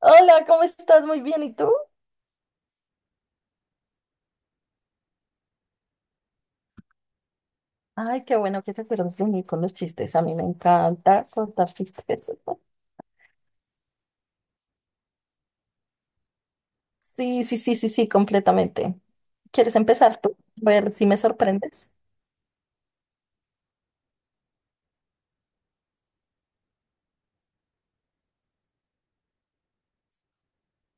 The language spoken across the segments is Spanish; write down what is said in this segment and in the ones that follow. Hola, ¿cómo estás? Muy bien, ¿y tú? Ay, qué bueno que se fueron de mí con los chistes. A mí me encanta contar chistes. Sí, sí, sí, sí, sí, completamente. ¿Quieres empezar tú? A ver si me sorprendes.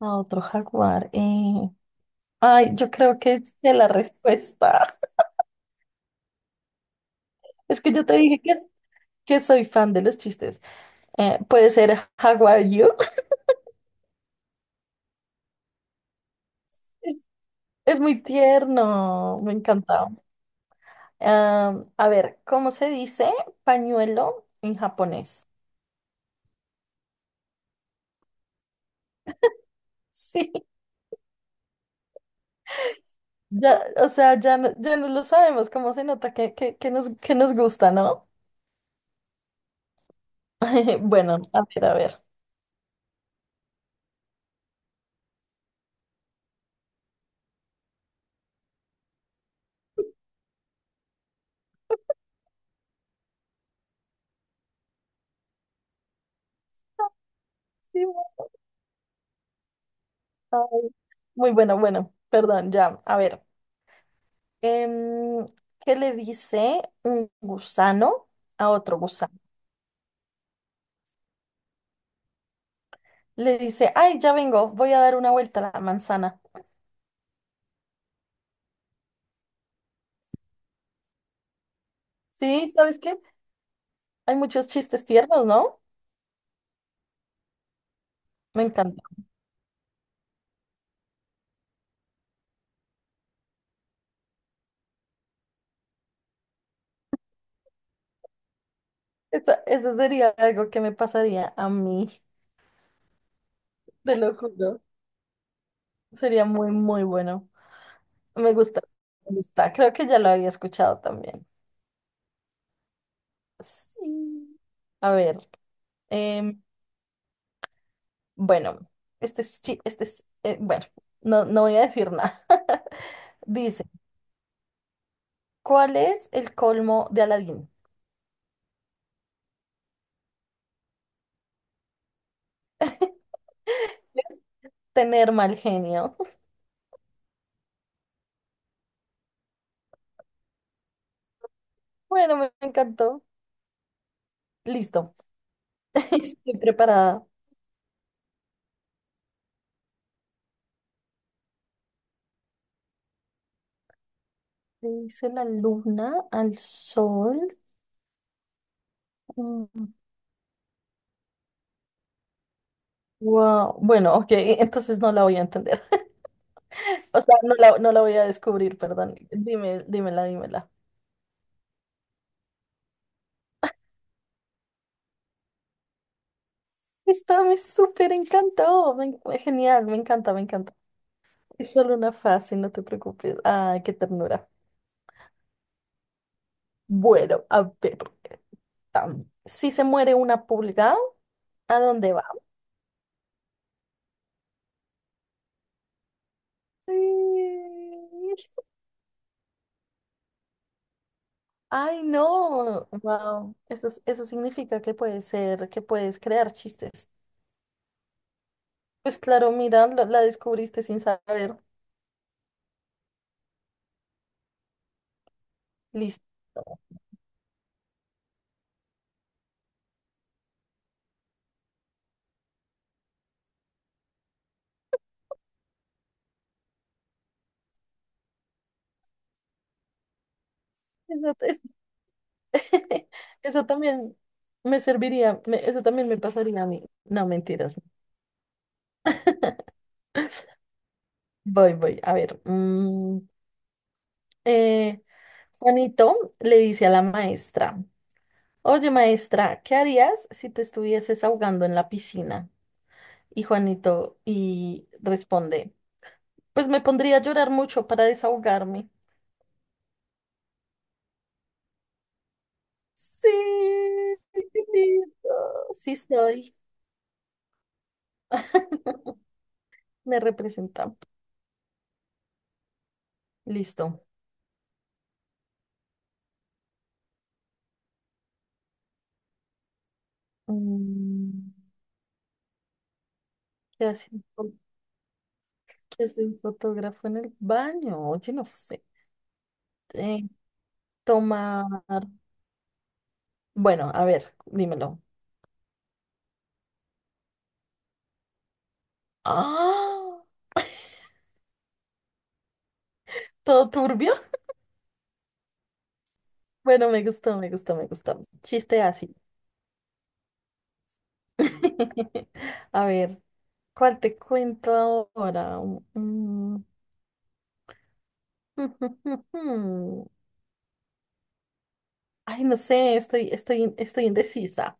A otro jaguar. Ay, yo creo que sé la respuesta. Es que yo te dije que soy fan de los chistes. Puede ser Jaguar You. Es, es muy tierno, me encanta. A ver, ¿cómo se dice pañuelo en japonés? Sí. Ya, o sea, ya no, ya no lo sabemos, cómo se nota que nos, que nos gusta, ¿no? Bueno, a ver, a ver. Sí, ay, muy bueno, bueno, perdón, ya, a ver. Em, ¿Qué le dice un gusano a otro gusano? Le dice, ay, ya vengo, voy a dar una vuelta a la manzana. Sí, ¿sabes qué? Hay muchos chistes tiernos, ¿no? Me encanta. Eso sería algo que me pasaría a mí, te lo juro. Sería muy, muy bueno. Me gusta, me gusta. Creo que ya lo había escuchado también. Sí. A ver, em, bueno, este es, bueno, no, no voy a decir nada. Dice, ¿cuál es el colmo de Aladín? Tener mal genio. Bueno, me encantó. Listo. Estoy preparada. ¿Qué dice la luna al sol? Wow. Bueno, ok, entonces no la voy a entender. O sea, no la voy a descubrir, perdón. Dime, dímela, dímela. Esta me súper encantó. Genial, me encanta, me encanta. Es solo una fase, no te preocupes. Ay, qué ternura. Bueno, a ver. Si se muere una pulga, ¿a dónde va? Sí. Ay, no. Wow. Eso, eso significa que puedes ser, que puedes crear chistes. Pues claro, mira, la descubriste sin saber. Listo. Eso, te- Eso también eso también me pasaría a mí. No, mentiras. Voy, voy. A ver. Eh, Juanito le dice a la maestra, oye maestra, ¿qué harías si te estuvieses ahogando en la piscina? Y Juanito y responde, pues me pondría a llorar mucho para desahogarme. Sí, sí, qué lindo. Sí estoy. Me representa. Listo. Mm, ¿Qué hace un qué hace un fotógrafo en el baño? Oye, no sé. Eh, Tomar. Bueno, a ver, dímelo. ¡Ah! ¿Todo turbio? Bueno, me gustó, me gustó, me gustó. Chiste así. A ver, ¿cuál te cuento ahora? Mm, mm, Ay, no sé, estoy, estoy, estoy indecisa.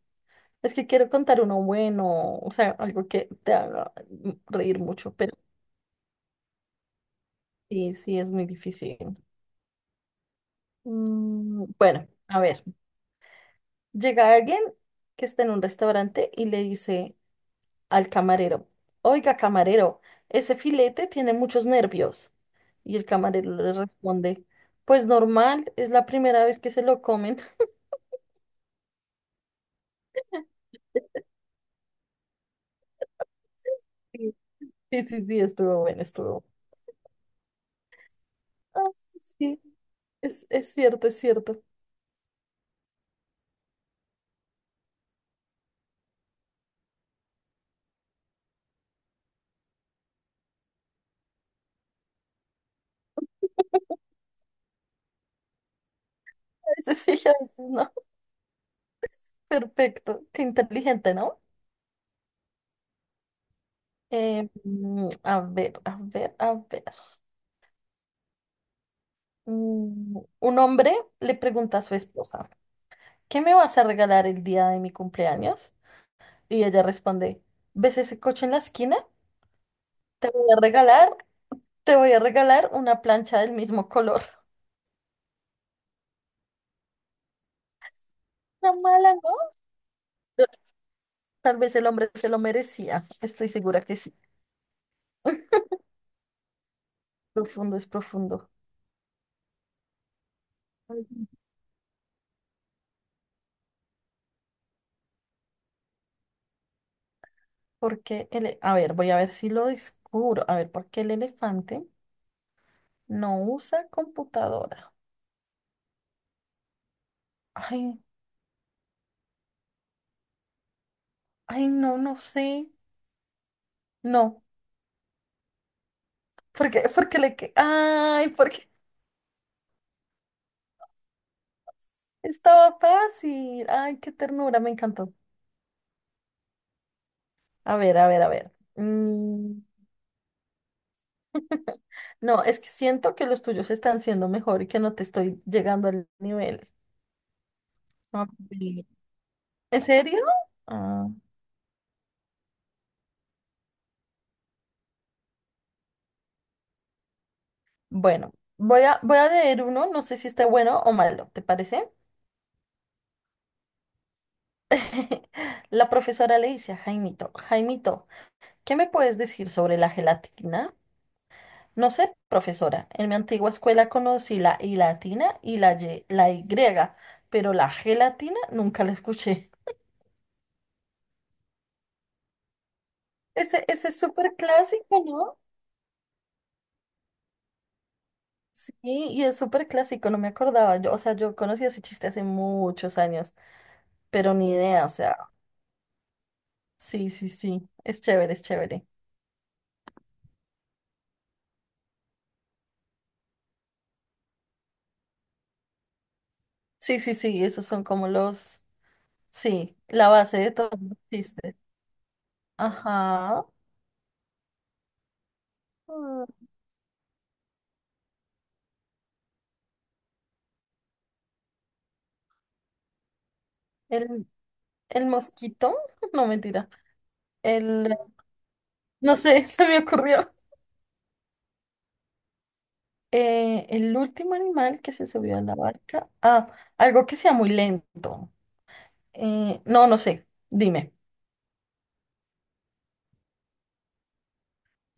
Es que quiero contar uno bueno, o sea, algo que te haga reír mucho, pero sí, sí, es muy difícil. Bueno, a ver, llega alguien que está en un restaurante y le dice al camarero, oiga, camarero, ese filete tiene muchos nervios. Y el camarero le responde, pues normal, es la primera vez que se lo comen. Sí, sí, sí, sí, estuvo bueno, estuvo bueno. Ah, sí, es cierto, es cierto. A veces sí, a veces no. Perfecto. Qué inteligente, ¿no? A ver, a ver, a ver. Un hombre le pregunta a su esposa, ¿qué me vas a regalar el día de mi cumpleaños? Y ella responde, ¿ves ese coche en la esquina? Te voy a regalar, te voy a regalar una plancha del mismo color. ¿Tan mala, ¿no? Pero tal vez el hombre se lo merecía. Estoy segura que sí. Profundo es profundo. A ver, voy a ver si lo descubro. A ver, ¿por qué el elefante no usa computadora? Ay, ay, no, no sé. No, ay, porque estaba fácil. Ay, qué ternura, me encantó. A ver, a ver, a ver. No, es que siento que los tuyos están siendo mejor y que no te estoy llegando al nivel. No, sí. ¿En serio? Ah, bueno, voy a leer uno, no sé si está bueno o malo, ¿te parece? La profesora le dice a Jaimito, Jaimito, ¿qué me puedes decir sobre la gelatina? No sé, profesora, en mi antigua escuela conocí la I latina y la Y griega, pero la gelatina nunca la escuché. Ese es súper clásico. Sí, y es súper clásico, no me acordaba. Yo, o sea, yo conocí ese chiste hace muchos años, pero ni idea, o sea, sí, sí, sí, es chévere, es chévere. Sí, sí, sí, esos son como los, sí, la base de todos los chistes. Ajá. Mm, El, el mosquito, no mentira. El, no sé, se me ocurrió. El último animal que se subió a la barca. Ah, algo que sea muy lento. No, no sé, dime.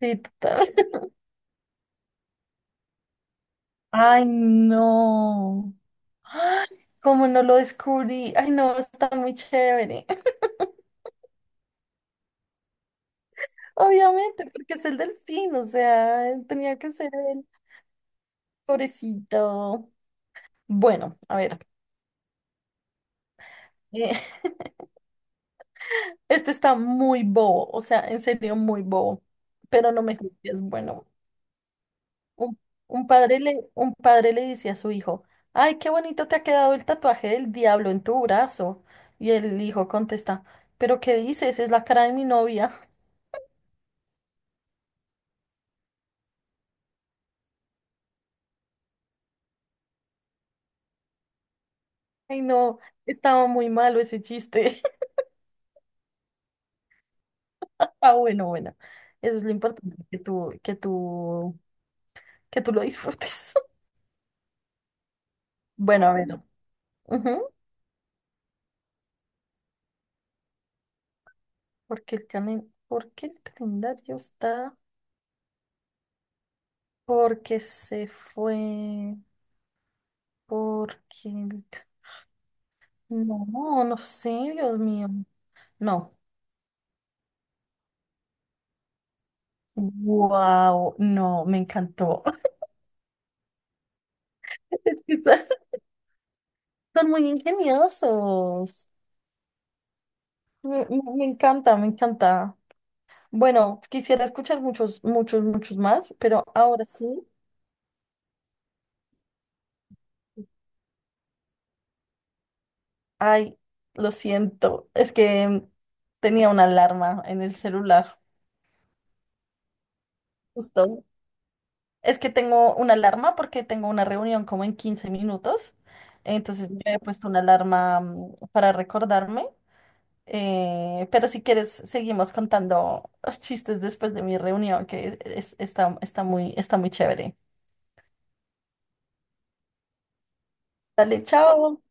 Sí, total. Ay, no. Ay, ¿cómo no lo descubrí? Ay, no, está muy chévere. Obviamente, porque es el delfín, o sea, tenía que ser el pobrecito. Bueno, a ver. eh, este está muy bobo, o sea, en serio, muy bobo. Pero no me juzgues. Bueno, un, un padre le dice a su hijo: ay, qué bonito te ha quedado el tatuaje del diablo en tu brazo. Y el hijo contesta: ¿pero qué dices? Es la cara de mi novia. Ay, no, estaba muy malo ese chiste. Ah, bueno, bueno. Eso es lo importante, que tú lo disfrutes. Bueno, a ver. ujú, Porque el ¿por qué el calendario está? Porque se fue. Porque el ca- No, no sé, Dios mío. No. Wow, no, me encantó. Es que son muy ingeniosos. Me encanta, me encanta. Bueno, quisiera escuchar muchos, muchos, muchos más, pero ahora sí, ay, lo siento, es que tenía una alarma en el celular, justo. Es que tengo una alarma porque tengo una reunión como en 15 minutos, entonces yo he puesto una alarma para recordarme, pero si quieres seguimos contando los chistes después de mi reunión, está, está muy chévere. Dale, chao.